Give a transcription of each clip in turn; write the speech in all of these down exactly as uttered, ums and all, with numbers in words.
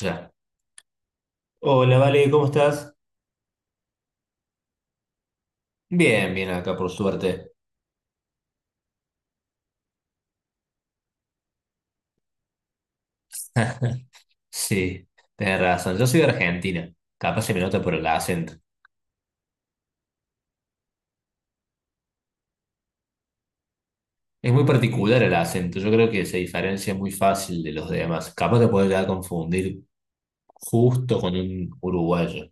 Ya. Hola, Vale, ¿cómo estás? Bien, bien acá, por suerte. Sí, tenés razón. Yo soy de Argentina. Capaz se me nota por el acento. Es muy particular el acento. Yo creo que se diferencia muy fácil de los demás. Capaz te puedes llegar a confundir justo con un uruguayo.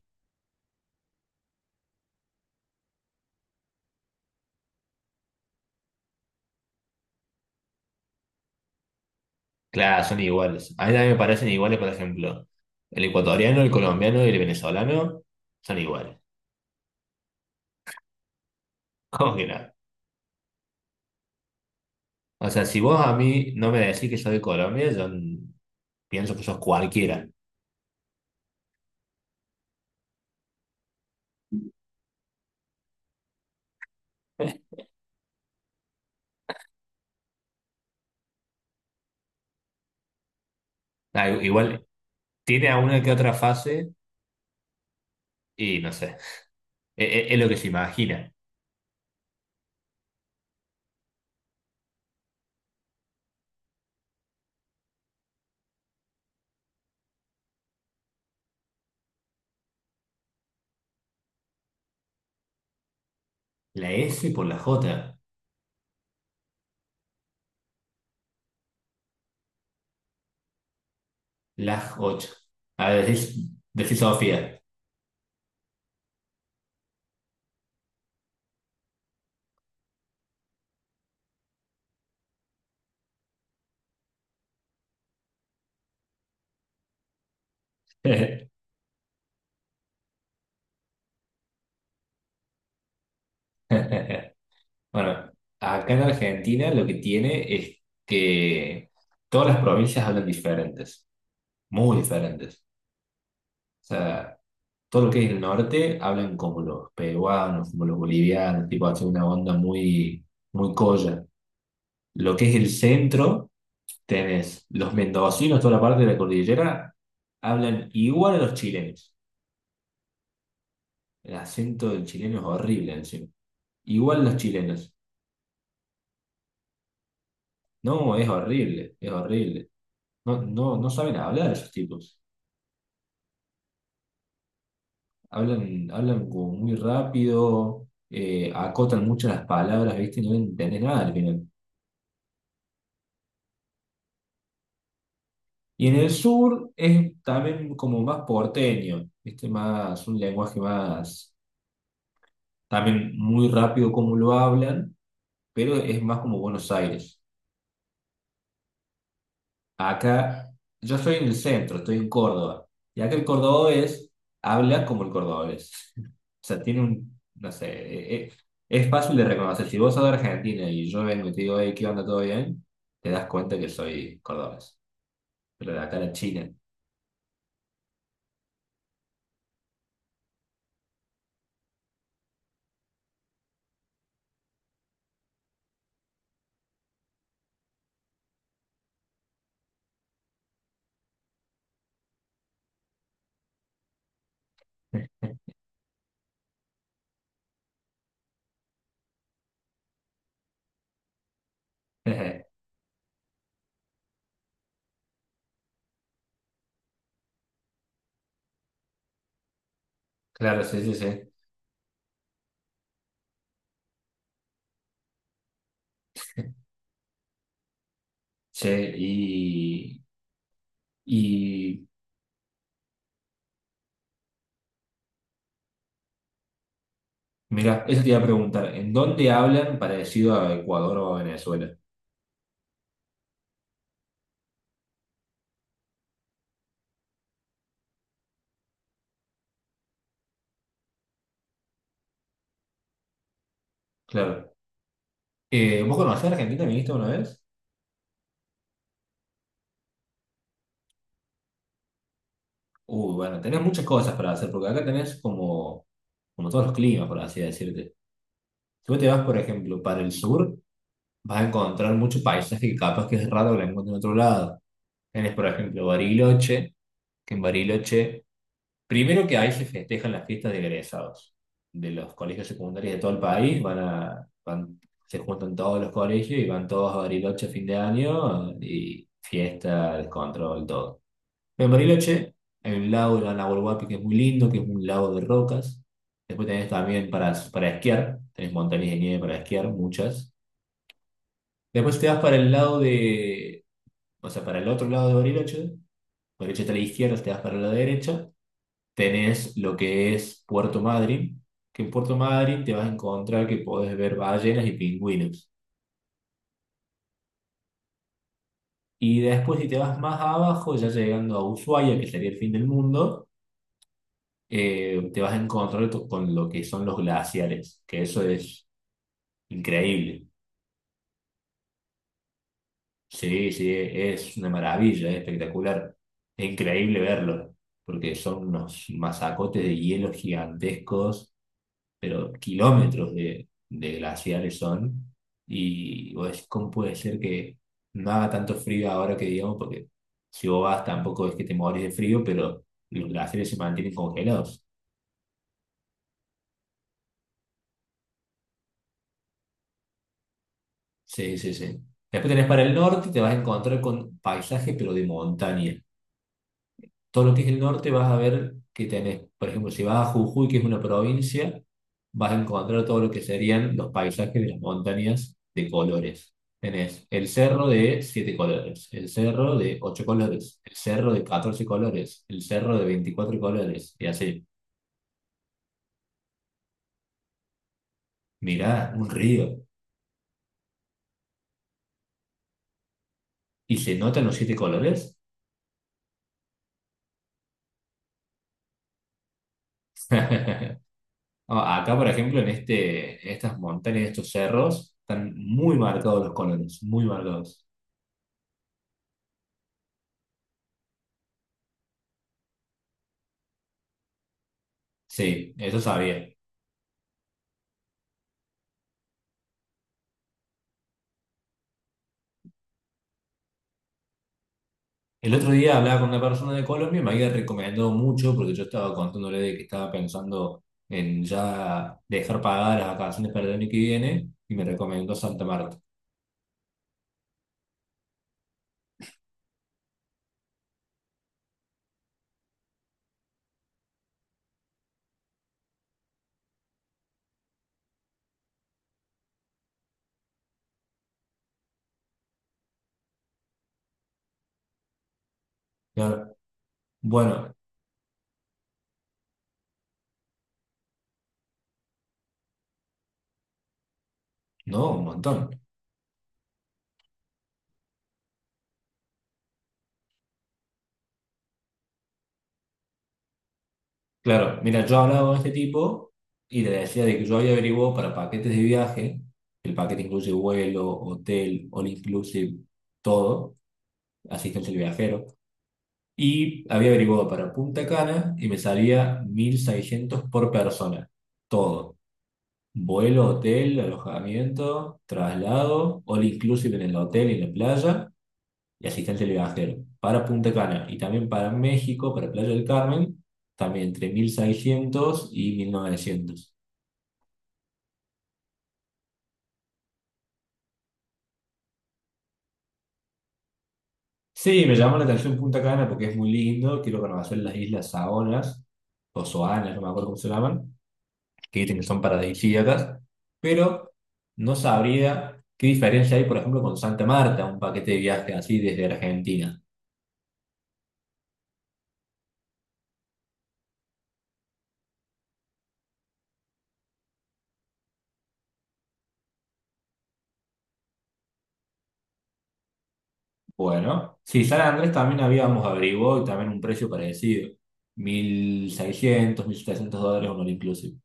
Claro, son iguales. A mí también me parecen iguales, por ejemplo, el ecuatoriano, el colombiano y el venezolano son iguales. ¿Cómo que no? O sea, si vos a mí no me decís que soy de Colombia, yo n- pienso que sos cualquiera. Ah, igual tiene a una que otra fase y no sé. E- e- Es, lo que se imagina. La S por la J. Las ocho. A ver, decís, decís Sofía. Bueno, acá en Argentina lo que tiene es que todas las provincias hablan diferentes. Muy diferentes. O sea, todo lo que es el norte hablan como los peruanos, como los bolivianos, tipo, hace una onda muy, muy colla. Lo que es el centro. Tenés los mendocinos, toda la parte de la cordillera, hablan igual a los chilenos. El acento del chileno es horrible encima. Igual los chilenos. No, es horrible, es horrible. No, no, no saben hablar esos tipos. Hablan, hablan como muy rápido, eh, acotan mucho las palabras, ¿viste? No entendés nada al final. Y en el sur es también como más porteño, ¿viste? Más, un lenguaje más, también muy rápido como lo hablan, pero es más como Buenos Aires. Acá, yo estoy en el centro, estoy en Córdoba. Y acá el cordobés habla como el cordobés. O sea, tiene un, no sé, eh, eh, es fácil de reconocer. Si vos sos de Argentina y yo vengo y te digo, hey, ¿qué onda? ¿Todo bien? Te das cuenta que soy cordobés. Pero de acá a la China. Claro, sí, sí, sí. Sí, y, y mira, eso te iba a preguntar, ¿en dónde hablan parecido a Ecuador o a Venezuela? Claro. Eh, ¿vos conocés a Argentina? ¿Viniste una vez? Uy bueno, tenés muchas cosas para hacer, porque acá tenés como, como todos los climas, por así decirte. Si vos te vas, por ejemplo, para el sur, vas a encontrar mucho paisaje que capaz que es raro que lo encuentres en otro lado. Tenés, por ejemplo, Bariloche, que en Bariloche, primero que ahí se festejan las fiestas de egresados. De los colegios secundarios de todo el país, van a, van, se juntan todos los colegios y van todos a Bariloche a fin de año y fiesta, descontrol, todo. En Bariloche hay un lago, el lago El Guapi, que es muy lindo, que es un lago de rocas. Después tenés también para, para esquiar, tenés montañas de nieve para esquiar, muchas. Después te vas para el lado de, o sea, para el otro lado de Bariloche. Bariloche está a la izquierda, te vas para la derecha. Tenés lo que es Puerto Madryn, que en Puerto Madryn te vas a encontrar que podés ver ballenas y pingüinos. Y después si te vas más abajo, ya llegando a Ushuaia, que sería el fin del mundo, eh, te vas a encontrar to- con lo que son los glaciares, que eso es increíble. Sí, sí, es una maravilla, es espectacular. Es increíble verlo, porque son unos masacotes de hielo gigantescos, pero kilómetros de, de glaciares son. Y vos decís, ¿cómo puede ser que no haga tanto frío ahora que digamos? Porque si vos vas tampoco es que te morís de frío, pero los glaciares se mantienen congelados. Sí, sí, sí. Después tenés para el norte, te vas a encontrar con paisaje, pero de montaña. Todo lo que es el norte vas a ver que tenés, por ejemplo, si vas a Jujuy, que es una provincia, vas a encontrar todo lo que serían los paisajes de las montañas de colores. Tenés el cerro de siete colores, el cerro de ocho colores, el cerro de catorce colores, el cerro de veinticuatro colores, y así. Mirá, un río. ¿Y se notan los siete colores? No, acá, por ejemplo, en este, en estas montañas, en estos cerros, están muy marcados los colores, muy marcados. Sí, eso sabía. El otro día hablaba con una persona de Colombia y me había recomendado mucho porque yo estaba contándole de que estaba pensando en ya dejar pagadas las vacaciones para el año que viene y me recomendó Santa Marta. Y bueno, no, un montón. Claro, mira, yo hablaba con este tipo y le decía de que yo había averiguado para paquetes de viaje, el paquete incluye vuelo, hotel, all inclusive, todo, asistencia al viajero, y había averiguado para Punta Cana y me salía mil seiscientos por persona, todo, vuelo, hotel, alojamiento, traslado, all inclusive en el hotel y en la playa, y asistente del viajero. Para Punta Cana y también para México, para Playa del Carmen, también entre mil seiscientos y mil novecientos. Sí, me llamó la atención Punta Cana porque es muy lindo. Quiero conocer las islas Saonas o Soanas, no me acuerdo cómo se llaman, que dicen que son paradisíacas, pero no sabría qué diferencia hay, por ejemplo, con Santa Marta, un paquete de viaje así desde Argentina. Bueno, sí, San Andrés también habíamos averiguado y también un precio parecido. Mil seiscientos mil setecientos dólares un all inclusive.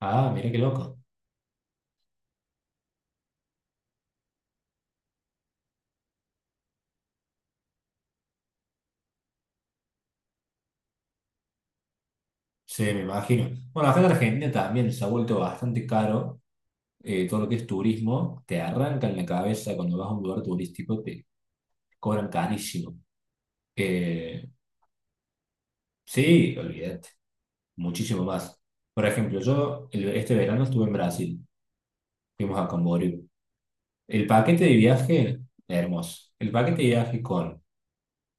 Ah, mira qué loco. Sí, me imagino. Bueno, acá en Argentina también se ha vuelto bastante caro eh, todo lo que es turismo. Te arrancan la cabeza cuando vas a un lugar turístico, te cobran carísimo. Eh, sí, olvídate, muchísimo más. Por ejemplo, yo el- este verano estuve en Brasil, fuimos a Camboriú. El paquete de viaje, hermoso. El paquete de viaje con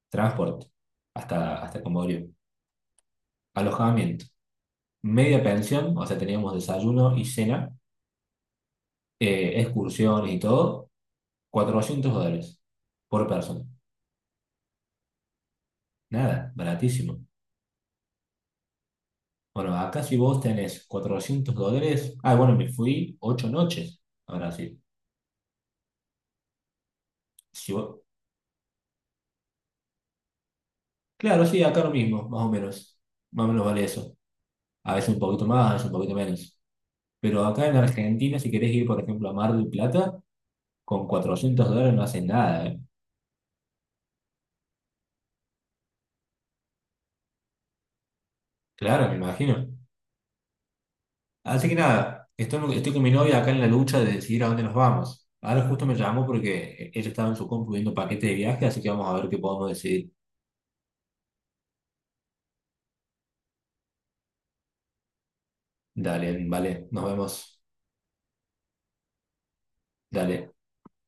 transporte hasta, hasta Camboriú, alojamiento, media pensión, o sea, teníamos desayuno y cena, eh, excursiones y todo, cuatrocientos dólares por persona. Nada, baratísimo. Bueno, acá si vos tenés cuatrocientos dólares, ah, bueno, me fui ocho noches a Brasil. Si vos- Claro, sí, acá lo mismo, más o menos. Más o menos vale eso. A veces un poquito más, a veces un poquito menos. Pero acá en Argentina, si querés ir, por ejemplo, a Mar del Plata, con cuatrocientos dólares no haces nada, ¿eh? Claro, me imagino. Así que nada, estoy, estoy con mi novia acá en la lucha de decidir a dónde nos vamos. Ahora justo me llamó porque ella estaba en su compu viendo paquete de viaje, así que vamos a ver qué podemos decidir. Dale, vale, nos vemos. Dale.